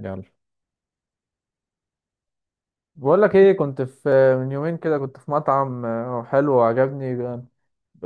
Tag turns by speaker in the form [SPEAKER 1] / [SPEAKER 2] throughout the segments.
[SPEAKER 1] يلا، بقول لك ايه. كنت في من يومين كده كنت في مطعم حلو وعجبني.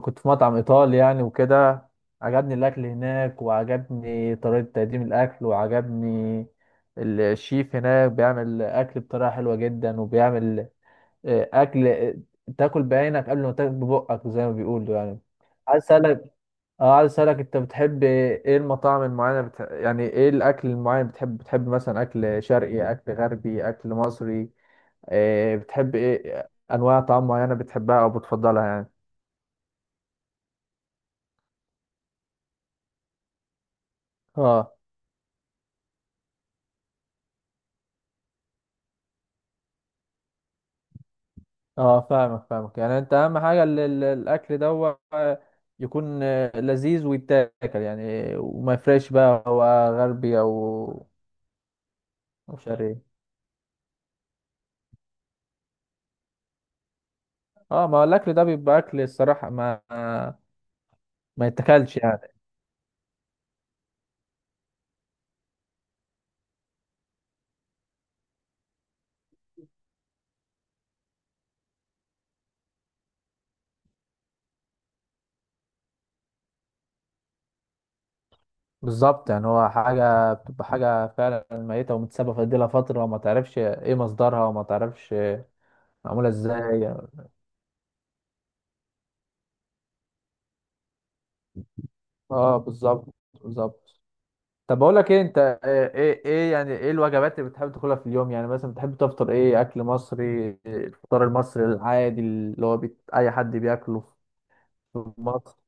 [SPEAKER 1] كنت في مطعم ايطالي يعني وكده. عجبني الاكل هناك، وعجبني طريقة تقديم الاكل، وعجبني الشيف هناك بيعمل اكل بطريقة حلوة جدا، وبيعمل اكل تاكل بعينك قبل ما تاكل ببقك زي ما بيقولوا يعني. عايز اسالك اه عايز اسالك، انت بتحب ايه المطاعم المعينة؟ يعني ايه الاكل المعين بتحب بتحب مثلا اكل شرقي، اكل غربي، اكل مصري؟ بتحب ايه انواع طعام معينه بتحبها او بتفضلها يعني؟ اه، اه، فاهمك. يعني انت اهم حاجه الاكل ده يكون لذيذ ويتاكل يعني، وما يفرقش بقى هو غربي او شرقي. اه، ما هو الاكل ده بيبقى اكل الصراحه ما يتاكلش يعني. بالظبط، يعني هو حاجه بتبقى حاجه فعلا ميته ومتسابه في لها فتره، وما تعرفش ايه مصدرها، وما تعرفش معموله ازاي يعني. اه، بالظبط، بالظبط. طب بقول لك ايه، انت ايه يعني ايه الوجبات اللي بتحب تاكلها في اليوم؟ يعني مثلا بتحب تفطر ايه؟ اكل مصري؟ إيه الفطار المصري العادي اللي هو اي حد بياكله في مصر؟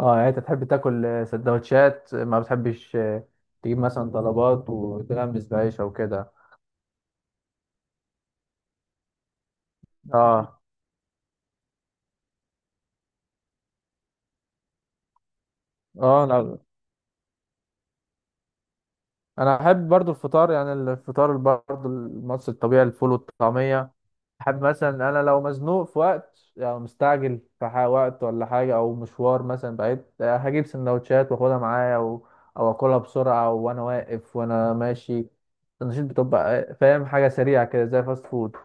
[SPEAKER 1] اه، يعني انت تحب تاكل سندوتشات، ما بتحبش تجيب مثلا طلبات وتغمس بعيش او كده؟ اه، اه. انا احب برضو الفطار، يعني الفطار برضو المصري الطبيعي، الفول والطعمية. حابب مثلا انا لو مزنوق في وقت، يعني مستعجل في وقت ولا حاجه، او مشوار مثلا بعيد، هجيب سندوتشات واخدها معايا، او اكلها بسرعه وانا واقف وانا ماشي. النشيد بتبقى فاهم، حاجه سريعه كده زي فاست فود.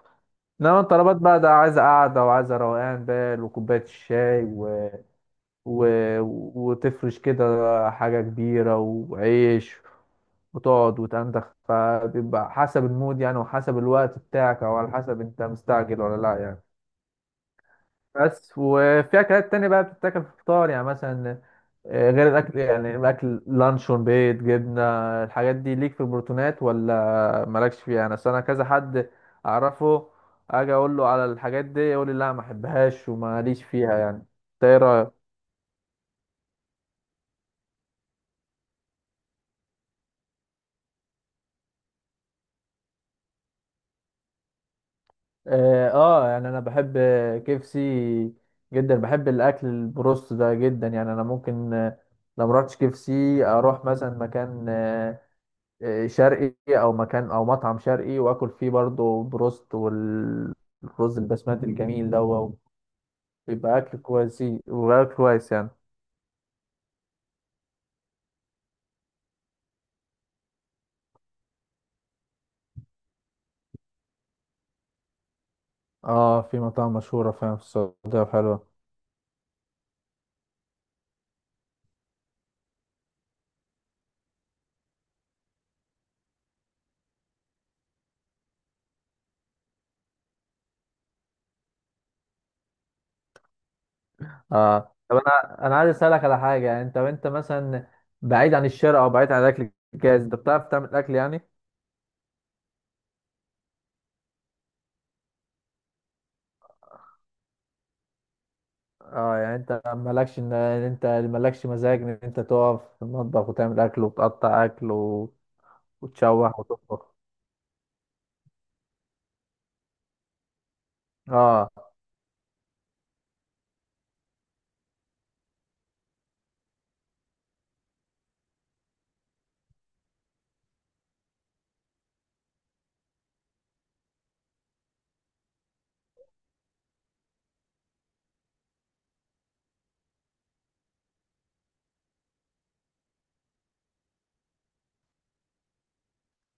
[SPEAKER 1] انما الطلبات بقى ده عايزه قعده وعايزه روقان بال وكوبايه الشاي و... وتفرش كده حاجه كبيره وعيش، وتقعد وتندخ. فبيبقى حسب المود يعني، وحسب الوقت بتاعك، او على حسب انت مستعجل ولا لا يعني. بس وفي اكلات تانية بقى بتتاكل في الفطار يعني، مثلا غير الاكل، يعني الاكل لانشون، بيض، جبنه. الحاجات دي ليك في البروتينات ولا مالكش فيها؟ انا أصل انا كذا حد اعرفه اجي اقول له على الحاجات دي يقول لي لا، ما احبهاش وماليش فيها يعني. انت ايه رايك؟ اه، يعني انا بحب كيفسي جدا، بحب الاكل البروست ده جدا يعني. انا ممكن لو مرحتش كيفسي اروح مثلا مكان شرقي، او مكان او مطعم شرقي واكل فيه برضو بروست والرز البسمتي الجميل ده ويبقى اكل كويس يعني. اه، في مطاعم مشهوره فعلا في السعوديه وحلوه. اه، طب انا عايز اسالك على حاجه، يعني انت وانت مثلا بعيد عن الشارع او بعيد عن الاكل الجاهز، انت بتعرف تعمل اكل يعني؟ اه، يعني انت مالكش إن انت مالكش مزاج ان انت تقف في المطبخ وتعمل اكل وتقطع اكل وتشوح وتطبخ؟ اه،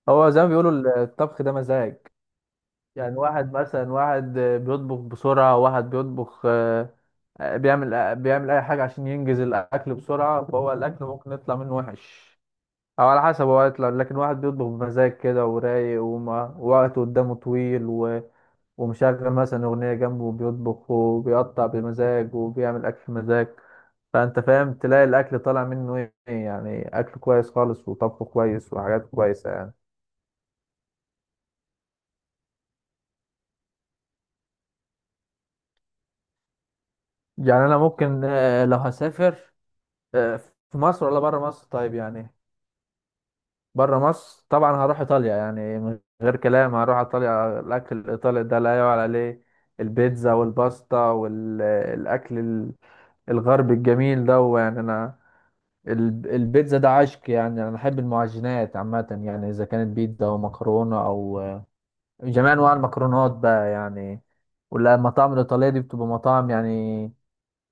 [SPEAKER 1] هو زي ما بيقولوا الطبخ ده مزاج يعني. واحد مثلا واحد بيطبخ بسرعة، واحد بيطبخ بيعمل أي حاجة عشان ينجز الأكل بسرعة، فهو الأكل ممكن يطلع منه وحش، أو على حسب، هو يطلع. لكن واحد بيطبخ بمزاج كده ورايق، ووقته قدامه طويل ومشغل مثلا أغنية جنبه، وبيطبخ وبيقطع بمزاج وبيعمل أكل بمزاج. فأنت فاهم، تلاقي الأكل طالع منه إيه؟ يعني أكل كويس خالص، وطبخه كويس، وحاجات كويسة يعني. يعني انا ممكن لو هسافر آه، في مصر ولا بره مصر، طيب يعني. بره مصر طبعا هروح ايطاليا، يعني من غير كلام هروح ايطاليا. الاكل الايطالي ده لا يعلى عليه، البيتزا والباستا والاكل الغربي الجميل ده يعني. انا البيتزا ده عشق يعني، انا بحب المعجنات عامه يعني، اذا كانت بيتزا او مكرونه او جميع انواع المكرونات بقى يعني. والمطاعم الايطاليه دي بتبقى مطاعم يعني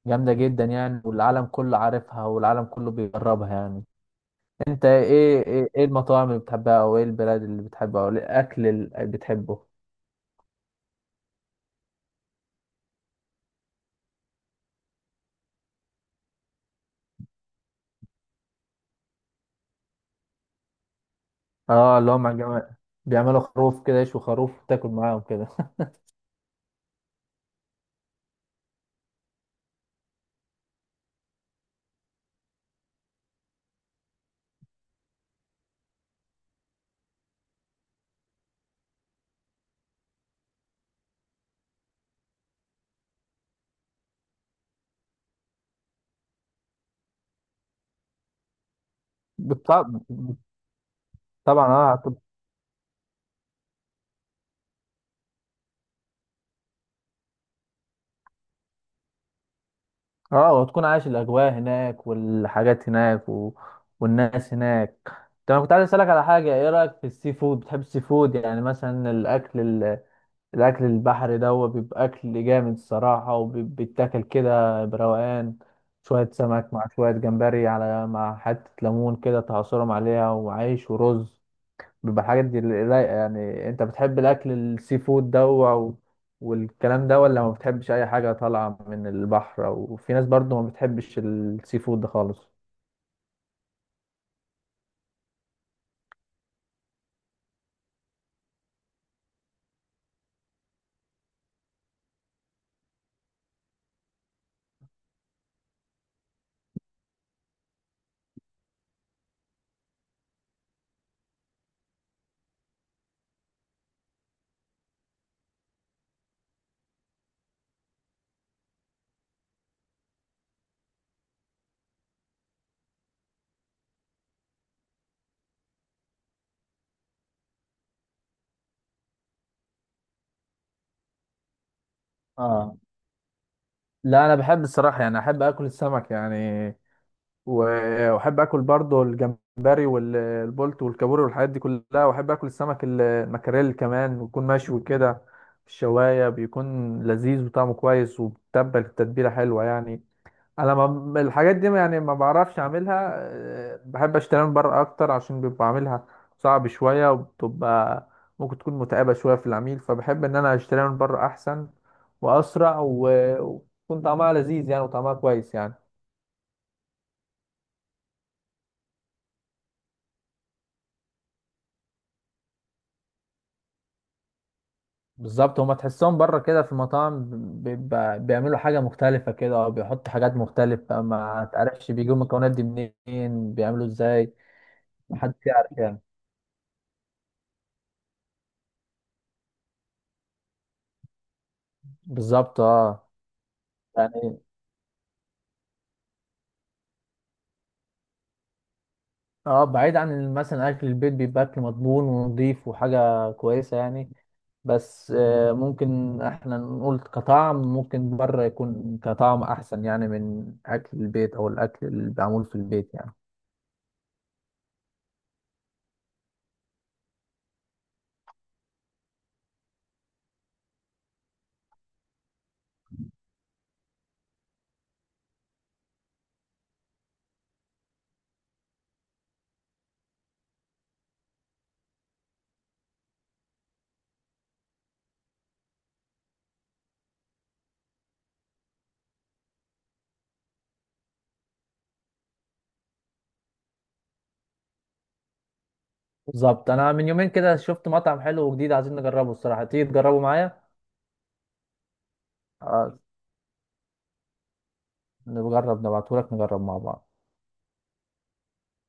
[SPEAKER 1] جامدة جدا يعني، والعالم كله عارفها والعالم كله بيجربها يعني. انت إيه المطاعم اللي بتحبها، او ايه البلاد اللي بتحبها، او إيه الاكل اللي بتحبه؟ اه، اللي هم جماعة بيعملوا خروف كده يشوا خروف وتاكل معاهم كده. بالطبع، طبعا. اه، وتكون عايش الاجواء هناك والحاجات هناك والناس هناك. طب انا كنت عايز اسالك على حاجه، ايه رايك في السي فود؟ بتحب السي فود؟ يعني مثلا الاكل، الاكل البحري ده هو بيبقى اكل جامد الصراحه، وبيتاكل كده بروقان، شويه سمك مع شويه جمبري على مع حته ليمون كده تعصرهم عليها وعيش ورز. بيبقى الحاجات دي رايقه يعني. انت بتحب الاكل السي فود ده والكلام ده، ولا ما بتحبش اي حاجه طالعه من البحر؟ وفي ناس برضو ما بتحبش السي فود ده خالص. اه، لا، انا بحب الصراحه يعني، احب اكل السمك يعني. واحب اكل برضه الجمبري والبولت والكابوري والحاجات دي كلها، واحب اكل السمك المكاريل كمان، ويكون مشوي كده في الشوايه. بيكون لذيذ وطعمه كويس، وبتبل التتبيله حلوه يعني. انا ما الحاجات دي يعني ما بعرفش اعملها، بحب اشتريها من بره اكتر، عشان بيبقى عاملها صعب شويه، وبتبقى ممكن تكون متعبه شويه في العميل. فبحب ان انا اشتريها من بره احسن واسرع، ويكون طعمها لذيذ يعني، وطعمها كويس يعني. بالظبط، هما تحسهم بره كده في المطاعم بيبقى بيعملوا حاجة مختلفة كده، أو بيحطوا حاجات مختلفة، ما تعرفش بيجيبوا المكونات دي منين، بيعملوا ازاي. محدش يعرف يعني. بالظبط. اه، يعني اه بعيد عن مثلا أكل البيت، بيبقى أكل مضمون ونضيف وحاجة كويسة يعني. بس ممكن احنا نقول كطعم، ممكن بره يكون كطعم أحسن يعني من أكل البيت أو الأكل اللي معمول في البيت يعني. بالظبط، انا من يومين كده شفت مطعم حلو وجديد، عايزين نجربه الصراحه. تيجي تجربه معايا؟ آه، نجرب، نبعتهولك نجرب مع بعض.